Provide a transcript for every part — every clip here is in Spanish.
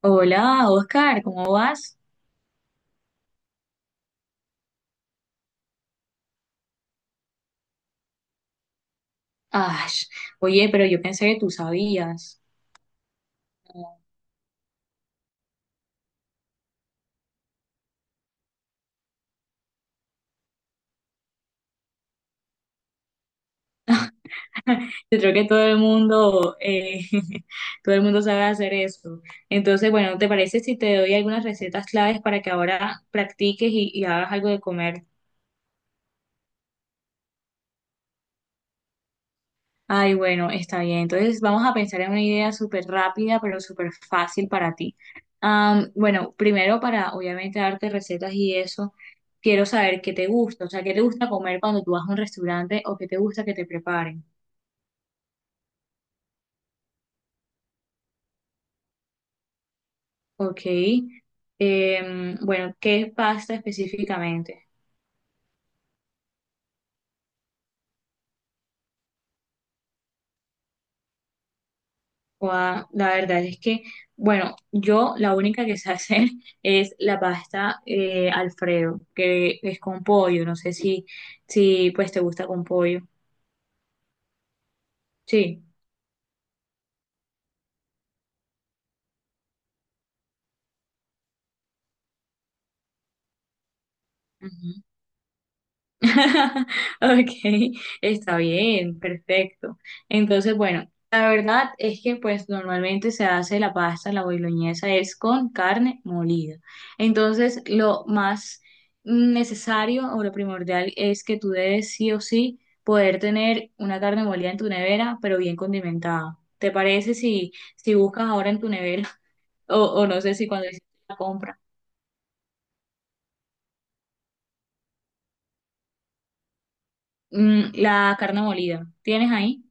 Hola, Oscar, ¿cómo vas? Ay, oye, pero yo pensé que tú sabías. Yo creo que todo el mundo, todo el mundo sabe hacer eso. Entonces, bueno, ¿te parece si te doy algunas recetas claves para que ahora practiques y hagas algo de comer? Ay, bueno, está bien. Entonces vamos a pensar en una idea súper rápida, pero súper fácil para ti. Bueno, primero para obviamente darte recetas y eso, quiero saber qué te gusta, o sea, qué te gusta comer cuando tú vas a un restaurante o qué te gusta que te preparen. Ok. Bueno, ¿qué pasta específicamente? La verdad es que, bueno, yo la única que sé hacer es la pasta Alfredo, que es con pollo. No sé si pues te gusta con pollo. Sí. Ujú. Ok, está bien, perfecto. Entonces, bueno, la verdad es que pues normalmente se hace la pasta, la boloñesa es con carne molida. Entonces, lo más necesario o lo primordial es que tú debes sí o sí poder tener una carne molida en tu nevera, pero bien condimentada. ¿Te parece si buscas ahora en tu nevera o, o no sé si cuando hiciste la compra, ¿la carne molida? ¿Tienes ahí?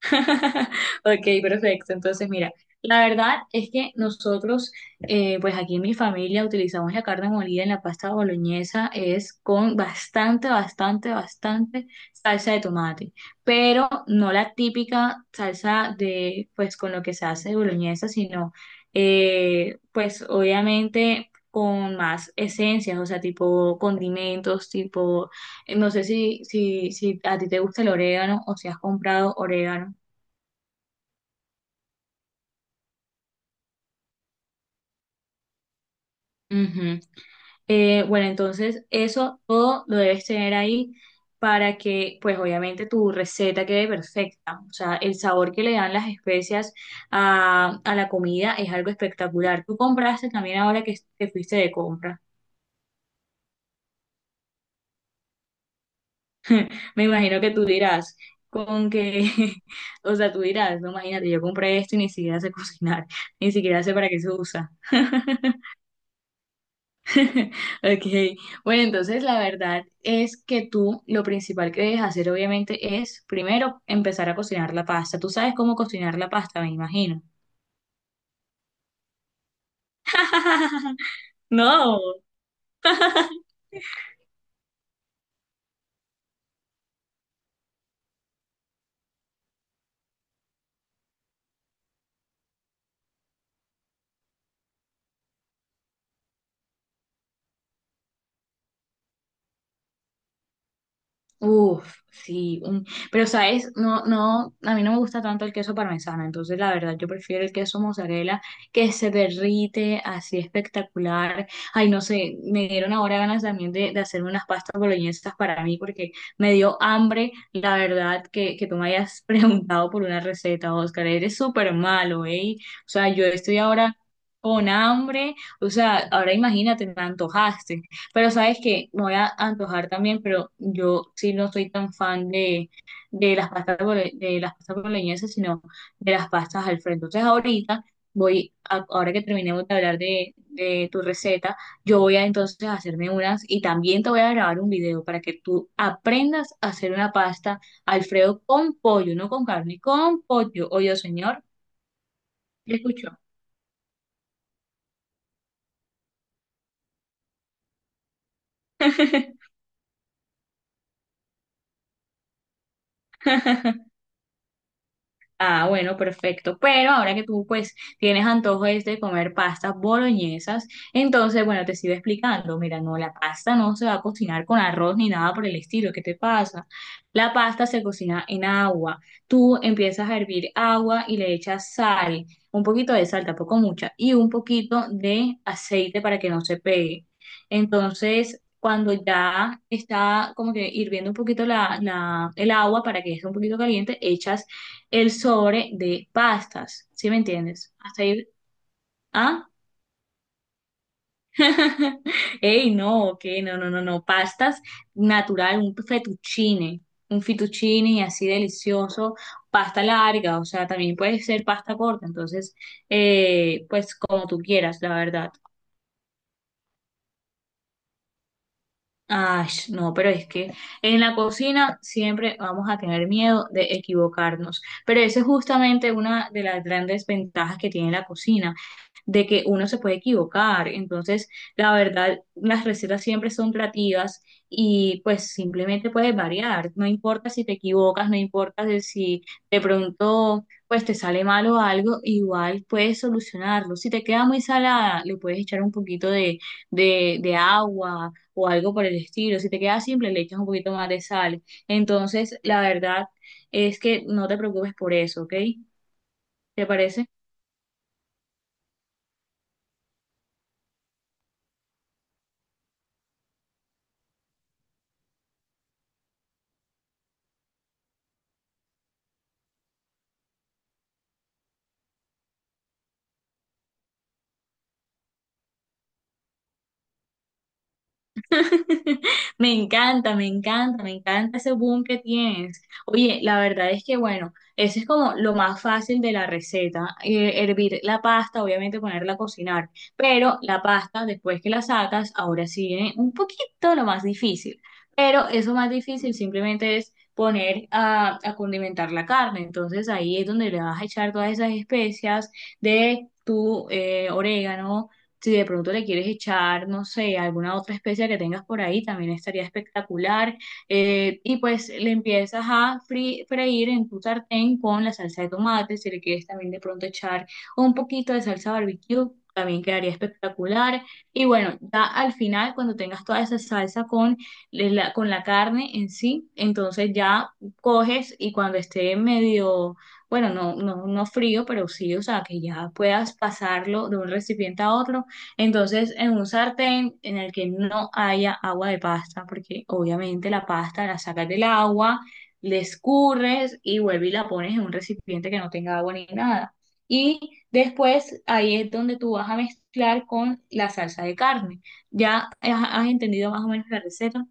Ok, perfecto. Entonces, mira, la verdad es que nosotros, pues aquí en mi familia utilizamos la carne molida en la pasta boloñesa, es con bastante, bastante, bastante salsa de tomate, pero no la típica salsa de, pues con lo que se hace de boloñesa, sino, pues obviamente con más esencias, o sea, tipo condimentos, tipo, no sé si a ti te gusta el orégano o si has comprado orégano. Ujú. Bueno, entonces eso todo lo debes tener ahí para que, pues obviamente tu receta quede perfecta. O sea, el sabor que le dan las especias a la comida es algo espectacular. Tú compraste también ahora que te fuiste de compra. Me imagino que tú dirás, con que, o sea, tú dirás, no, imagínate, yo compré esto y ni siquiera sé cocinar, ni siquiera sé para qué se usa. Ok, bueno, entonces la verdad es que tú lo principal que debes hacer obviamente es primero empezar a cocinar la pasta. Tú sabes cómo cocinar la pasta, me imagino. No. Uf, sí, un- pero sabes, no, no, a mí no me gusta tanto el queso parmesano, entonces la verdad yo prefiero el queso mozzarella que se derrite así espectacular. Ay, no sé, me dieron ahora ganas también de hacerme unas pastas boloñesas para mí porque me dio hambre, la verdad, que tú me hayas preguntado por una receta, Oscar, eres súper malo, ¿eh? O sea, yo estoy ahora con hambre, o sea, ahora imagínate, me antojaste. Pero sabes que me voy a antojar también, pero yo sí no soy tan fan de las pastas bole- de las pastas boloñesas, sino de las pastas Alfredo. Entonces ahorita voy, ahora que terminemos de hablar de tu receta, yo voy a entonces hacerme unas y también te voy a grabar un video para que tú aprendas a hacer una pasta Alfredo con pollo, no con carne, con pollo. Oye, señor, ¿me escuchó? Ah, bueno, perfecto. Pero ahora que tú pues tienes antojo es de comer pastas boloñesas, entonces bueno, te sigo explicando. Mira, no, la pasta no se va a cocinar con arroz ni nada por el estilo. ¿Qué te pasa? La pasta se cocina en agua. Tú empiezas a hervir agua y le echas sal, un poquito de sal, tampoco mucha, y un poquito de aceite para que no se pegue. Entonces, cuando ya está como que hirviendo un poquito el agua para que esté un poquito caliente, echas el sobre de pastas, ¿sí me entiendes? Hasta ahí, ¿ah? Ey, no, que no, no, no, no, pastas natural, un fettuccine así delicioso, pasta larga, o sea, también puede ser pasta corta, entonces, pues como tú quieras, la verdad. Ay, no, pero es que en la cocina siempre vamos a tener miedo de equivocarnos, pero esa es justamente una de las grandes ventajas que tiene la cocina de que uno se puede equivocar. Entonces, la verdad, las recetas siempre son creativas y pues simplemente puedes variar. No importa si te equivocas, no importa de si de pronto pues te sale mal o algo, igual puedes solucionarlo. Si te queda muy salada, le puedes echar un poquito de, de agua o algo por el estilo. Si te queda simple, le echas un poquito más de sal. Entonces, la verdad es que no te preocupes por eso, ¿ok? ¿Te parece? Me encanta, me encanta, me encanta ese boom que tienes. Oye, la verdad es que, bueno, eso es como lo más fácil de la receta. Hervir la pasta, obviamente ponerla a cocinar, pero la pasta, después que la sacas, ahora sí viene un poquito lo más difícil. Pero eso más difícil simplemente es poner a condimentar la carne. Entonces ahí es donde le vas a echar todas esas especias de tu orégano si de pronto le quieres echar, no sé, alguna otra especia que tengas por ahí, también estaría espectacular. Y pues le empiezas a freír en tu sartén con la salsa de tomate. Si le quieres también de pronto echar un poquito de salsa barbecue, también quedaría espectacular. Y bueno, ya al final, cuando tengas toda esa salsa con con la carne en sí, entonces ya coges y cuando esté medio bueno, no, no, no frío, pero sí, o sea, que ya puedas pasarlo de un recipiente a otro, entonces, en un sartén en el que no haya agua de pasta, porque obviamente la pasta la sacas del agua, le escurres y vuelves y la pones en un recipiente que no tenga agua ni nada. Y después ahí es donde tú vas a mezclar con la salsa de carne. ¿Ya has entendido más o menos la receta?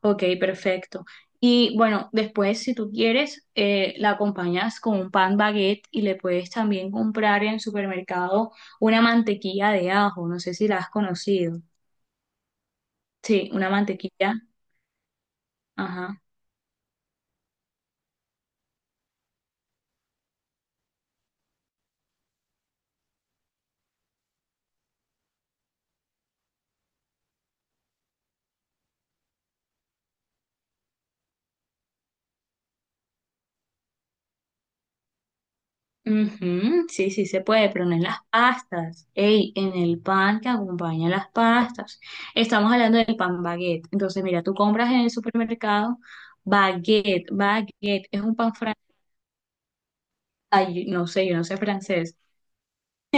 Ok, perfecto. Y bueno, después, si tú quieres, la acompañas con un pan baguette y le puedes también comprar en el supermercado una mantequilla de ajo. No sé si la has conocido. Sí, una mantequilla. Ajá. Ujú, sí, sí se puede, pero no en las pastas. Ey, en el pan que acompaña las pastas. Estamos hablando del pan baguette. Entonces, mira, tú compras en el supermercado baguette, baguette. Es un pan francés. No sé, yo no sé francés.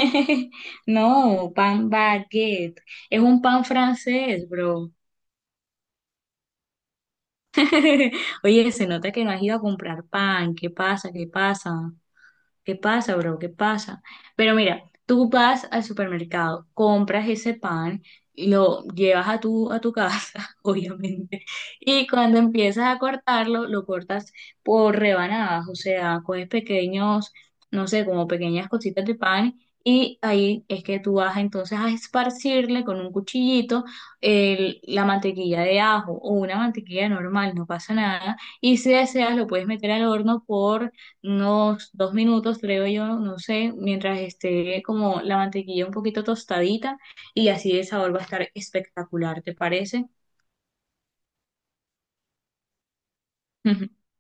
No, pan baguette. Es un pan francés, bro. Oye, se nota que no has ido a comprar pan. ¿Qué pasa? ¿Qué pasa? ¿Qué pasa, bro? ¿Qué pasa? Pero mira, tú vas al supermercado, compras ese pan, lo llevas a tu casa, obviamente, y cuando empiezas a cortarlo, lo cortas por rebanadas, o sea, coges pequeños, no sé, como pequeñas cositas de pan, y ahí es que tú vas entonces a esparcirle con un cuchillito el- la mantequilla de ajo o una mantequilla normal, no pasa nada, y si deseas lo puedes meter al horno por unos dos minutos, creo yo, no sé, mientras esté como la mantequilla un poquito tostadita y así el sabor va a estar espectacular, ¿te parece?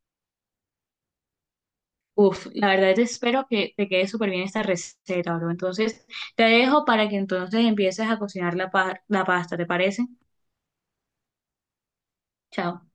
Uf, la verdad te espero que te quede súper bien esta receta, bro. Entonces te dejo para que entonces empieces a cocinar la pasta, ¿te parece? Chao.